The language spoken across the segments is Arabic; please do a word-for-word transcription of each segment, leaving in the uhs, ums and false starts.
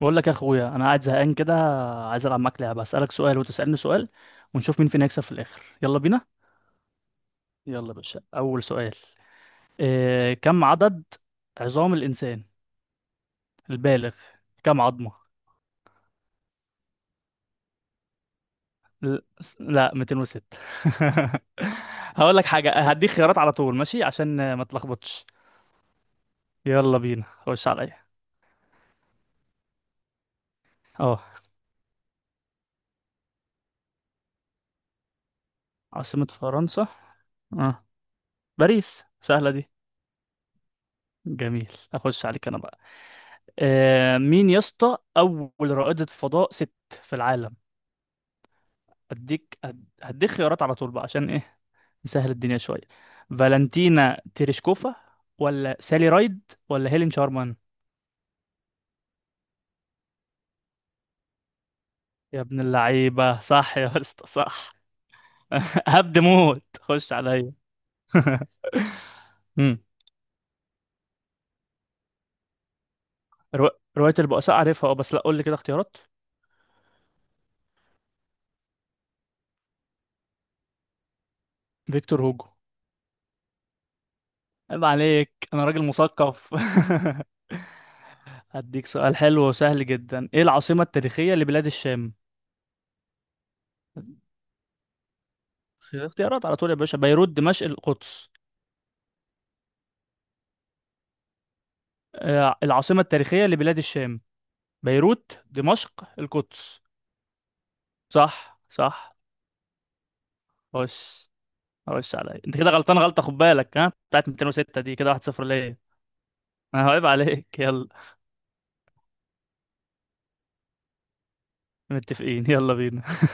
بقول لك يا اخويا، انا قاعد زهقان كده. عايز العب معاك لعبه، اسالك سؤال وتسالني سؤال ونشوف مين فينا يكسب في الاخر. يلا بينا. يلا يا باشا، اول سؤال. إيه كم عدد عظام الانسان البالغ؟ كم عظمه؟ ل- س- لا، مئتين وستة. هقول لك حاجه، هديك خيارات على طول ماشي عشان ما تلخبطش. يلا بينا، خش عليا. اه، عاصمه فرنسا. اه، باريس سهله دي. جميل، اخش عليك انا بقى. آه، مين يا اسطى اول رائدة فضاء ست في العالم؟ هديك هد- هديك خيارات على طول بقى، عشان ايه نسهل الدنيا شوية. فالنتينا تيريشكوفا ولا سالي رايد ولا هيلين شارمان؟ يا ابن اللعيبة صح يا اسطى صح. هبد موت، خش عليا. مم. رو... رواية البؤساء عارفها اه، بس لا قول لي كده اختيارات. فيكتور هوجو. عيب عليك، انا راجل مثقف. هديك سؤال حلو وسهل جدا، ايه العاصمة التاريخية لبلاد الشام؟ اختيارات على طول يا باشا، بيروت دمشق القدس. آه، العاصمة التاريخية لبلاد الشام، بيروت دمشق القدس. صح صح. خش، خش عليا. انت كده غلطان غلطة، خد بالك. ها، بتاعت مئتين وستة دي كده واحد صفر ليا. انا هعيب عليك. يلا، متفقين، يلا بينا.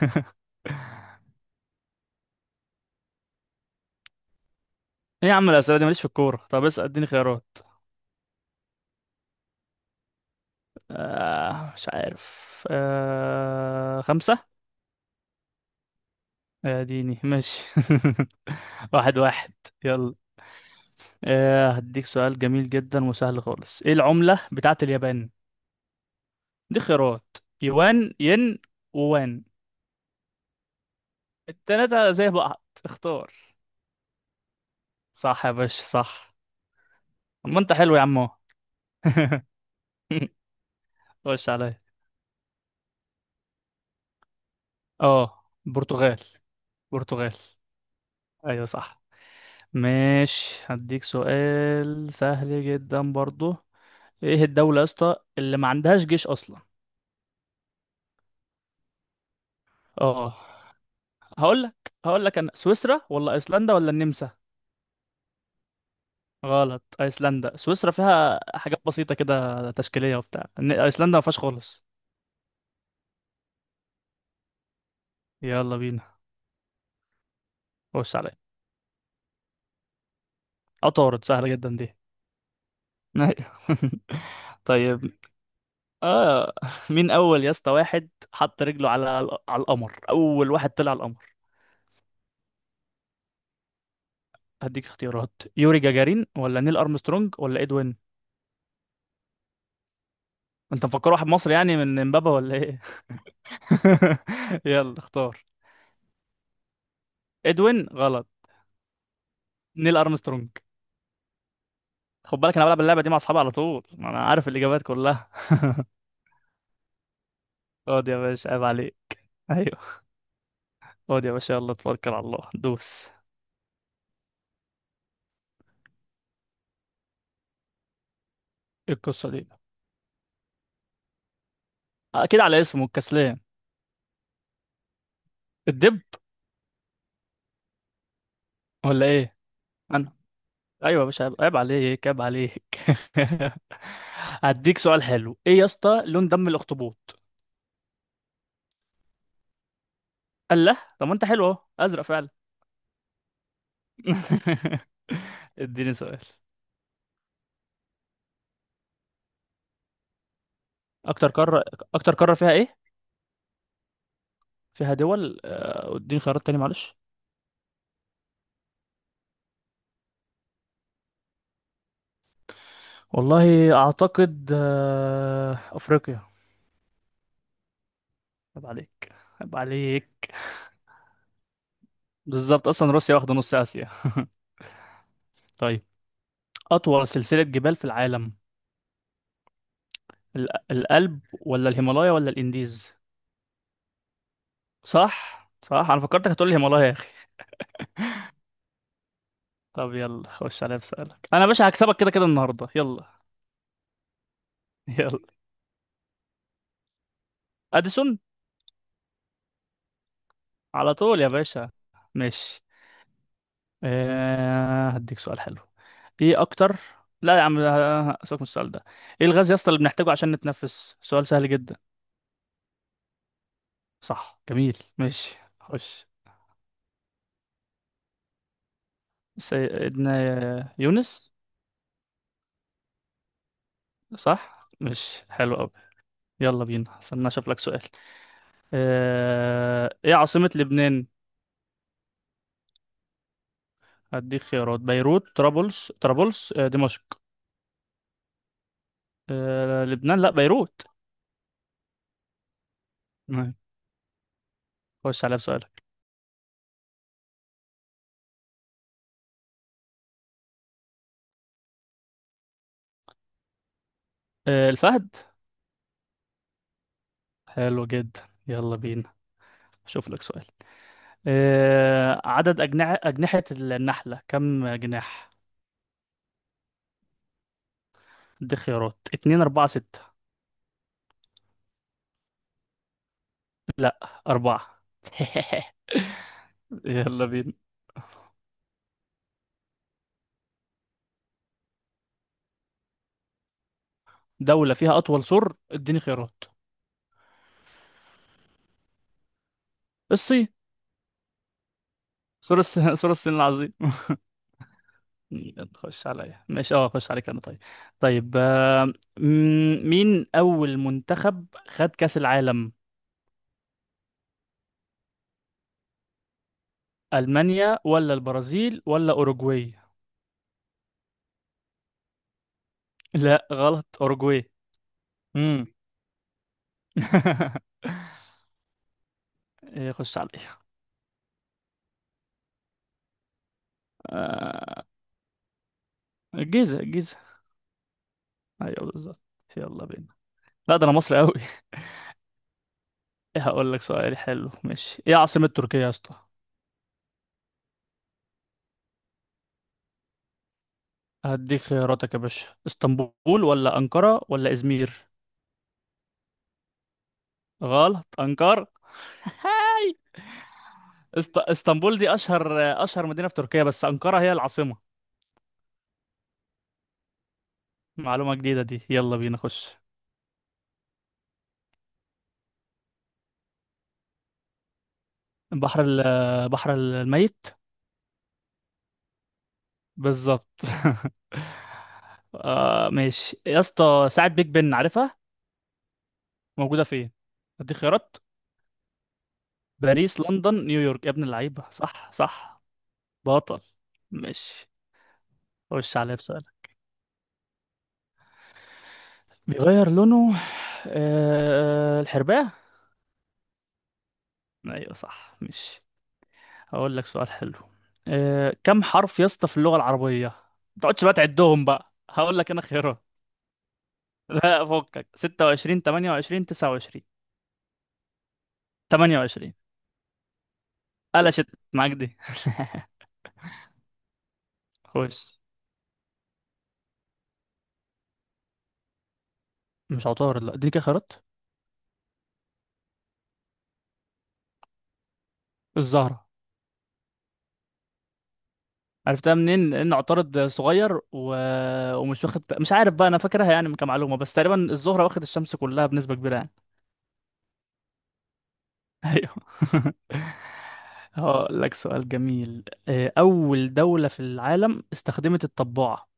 ايه يا عم الاسئله دي، ماليش في الكوره. طب اسال، اديني خيارات. آه مش عارف، آه خمسه. يا ديني ماشي. واحد واحد. يلا. آه، هديك سؤال جميل جدا وسهل خالص، ايه العملة بتاعة اليابان؟ دي خيارات. يوان ين ووان. التلاتة زي بعض، اختار. صح يا باشا صح. ما انت حلو يا عم أهو. خش عليا. اه، برتغال. برتغال. ايوه صح. ماشي، هديك سؤال سهل جدا برضو. ايه الدولة يا اسطى اللي ما عندهاش جيش اصلا؟ اه، هقول لك هقول لك انا، سويسرا ولا ايسلندا ولا النمسا. غلط، ايسلندا. سويسرا فيها حاجات بسيطة كده تشكيلية وبتاع، إن- ايسلندا ما فيهاش خالص. يلا بينا، خش عليا. عطارد، سهلة جدا دي. طيب، اه، مين اول يا اسطى واحد حط رجله على ال- على القمر، اول واحد طلع القمر؟ هديك اختيارات، يوري جاجارين ولا نيل ارمسترونج ولا ادوين. انت مفكر واحد مصري يعني من امبابة ولا ايه؟ يلا اختار. ادوين غلط. نيل ارمسترونج. خد بالك انا بلعب اللعبه دي مع اصحابي على طول، ما انا عارف الاجابات كلها. اقعد يا باشا، عيب عليك. ايوه. اقعد يا باشا، يلا توكل على الله دوس. ايه القصه دي؟ اكيد على اسمه، الكسلان. الدب ولا ايه؟ انا، ايوه يا باشا، عيب عيب عليك عيب عليك. هديك سؤال حلو، ايه يا اسطى لون دم الاخطبوط؟ قال له طب، ما انت حلو اهو، ازرق فعلا. اديني سؤال. اكتر قاره اكتر قاره فيها ايه؟ فيها دول. آه، اديني خيارات تاني معلش. والله اعتقد آه، افريقيا. عيب عليك، عيب عليك. بالظبط، اصلا روسيا واخده نص اسيا. طيب، اطول سلسله جبال في العالم؟ ال- الألب ولا الهيمالايا ولا الانديز؟ صح صح، انا فكرتك هتقول لي الهيمالايا يا اخي. طب يلا، خش عليا بسألك انا يا باشا، هكسبك كده كده النهارده. يلا يلا، اديسون. على طول يا باشا، ماشي. آه هديك سؤال حلو. ايه اكتر لا يا عم آه، سيبك من السؤال ده. ايه الغاز يا اسطى اللي بنحتاجه عشان نتنفس؟ سؤال سهل جدا. صح، جميل ماشي، خش. سيدنا يونس. صح، مش حلو قوي. يلا بينا، استنى اشوف لك سؤال. آه... ايه عاصمة لبنان؟ هديك خيارات، بيروت طرابلس طرابلس آه، دمشق. آه... لبنان، لا، بيروت. نعم. خش عليا بسؤالك. آه... الفهد. حلو جدا، يلا بينا. اشوف لك سؤال. آه... عدد أجنحة أجنحة النحلة، كم جناح؟ هديك خيارات، اتنين أربعة ستة. أربعة. يلا بينا. دولة فيها أطول سور، اديني خيارات. الصين. سور الس... سور الصين العظيم. يلا، خش عليا. ماشي اه، خش عليك انا طيب. طيب آه، م- مين اول منتخب خد كأس العالم؟ المانيا ولا البرازيل ولا اوروجواي؟ لا غلط، اوروجواي. امم إيه، خش عليا. آه، الجيزة الجيزة. ايوه بالظبط. يلا بينا. لا ده انا مصري قوي. هقول لك سؤال حلو ماشي، ايه عاصمة تركيا يا اسطى؟ هديك خياراتك يا باشا، اسطنبول ولا انقرة ولا ازمير. غلط، انقرة. هاي، است... اسطنبول دي اشهر اشهر مدينة في تركيا، بس انقرة هي العاصمة. معلومة جديدة دي. يلا بينا، خش. بحر ال... بحر الميت. بالظبط. آه ماشي يا اسطى، ساعة بيج بن عارفها، موجودة فين؟ اديك خيارات، باريس لندن نيويورك. يا ابن اللعيبة صح صح. بطل ماشي، خش عليا بسؤالك. بيغير لونه، آه الحرباية. ايوه صح ماشي. هقول لك سؤال حلو. أه، كم حرف يا اسطى في اللغة العربية؟ ما تقعدش بقى تعدهم بقى، هقول لك انا خيارات. لا، فكك، ستة وعشرين تمانية وعشرين تسعة وعشرين. تمانية وعشرين. قلشت معاك دي. خش. مش عطارد؟ لا دي كده خيارات. الزهرة. عرفتها منين؟ لأن عطارد صغير و... ومش واخد، مش عارف بقى، أنا فاكرها يعني كمعلومة، بس تقريبا الزهرة واخد الشمس كلها بنسبة كبيرة يعني. ايوه. هقول لك سؤال جميل، آه، أول دولة في العالم استخدمت الطباعة.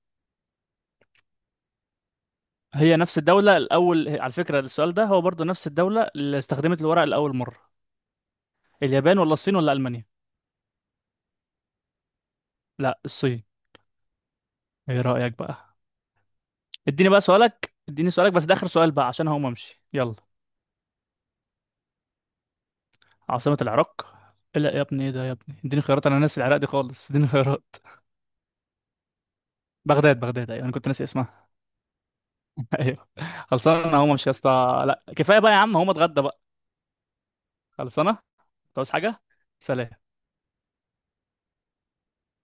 هي نفس الدولة الأول، على فكرة السؤال ده هو برضو نفس الدولة اللي استخدمت الورق لأول مرة. اليابان ولا الصين ولا ألمانيا؟ لا، الصين. ايه رأيك بقى؟ اديني بقى سؤالك اديني سؤالك، بس ده آخر سؤال بقى عشان هقوم امشي، يلا. عاصمة العراق. لا يا ابني، ايه ده يا ابني، اديني خيارات، انا ناسي العراق دي خالص، اديني خيارات. بغداد. بغداد ايوه، انا كنت ناسي اسمها. ايوه. خلصان، انا هقوم امشي يا اسطى، لا كفايه بقى يا عم، هقوم اتغدى بقى. خلصانه انت. عاوز حاجه. سلام.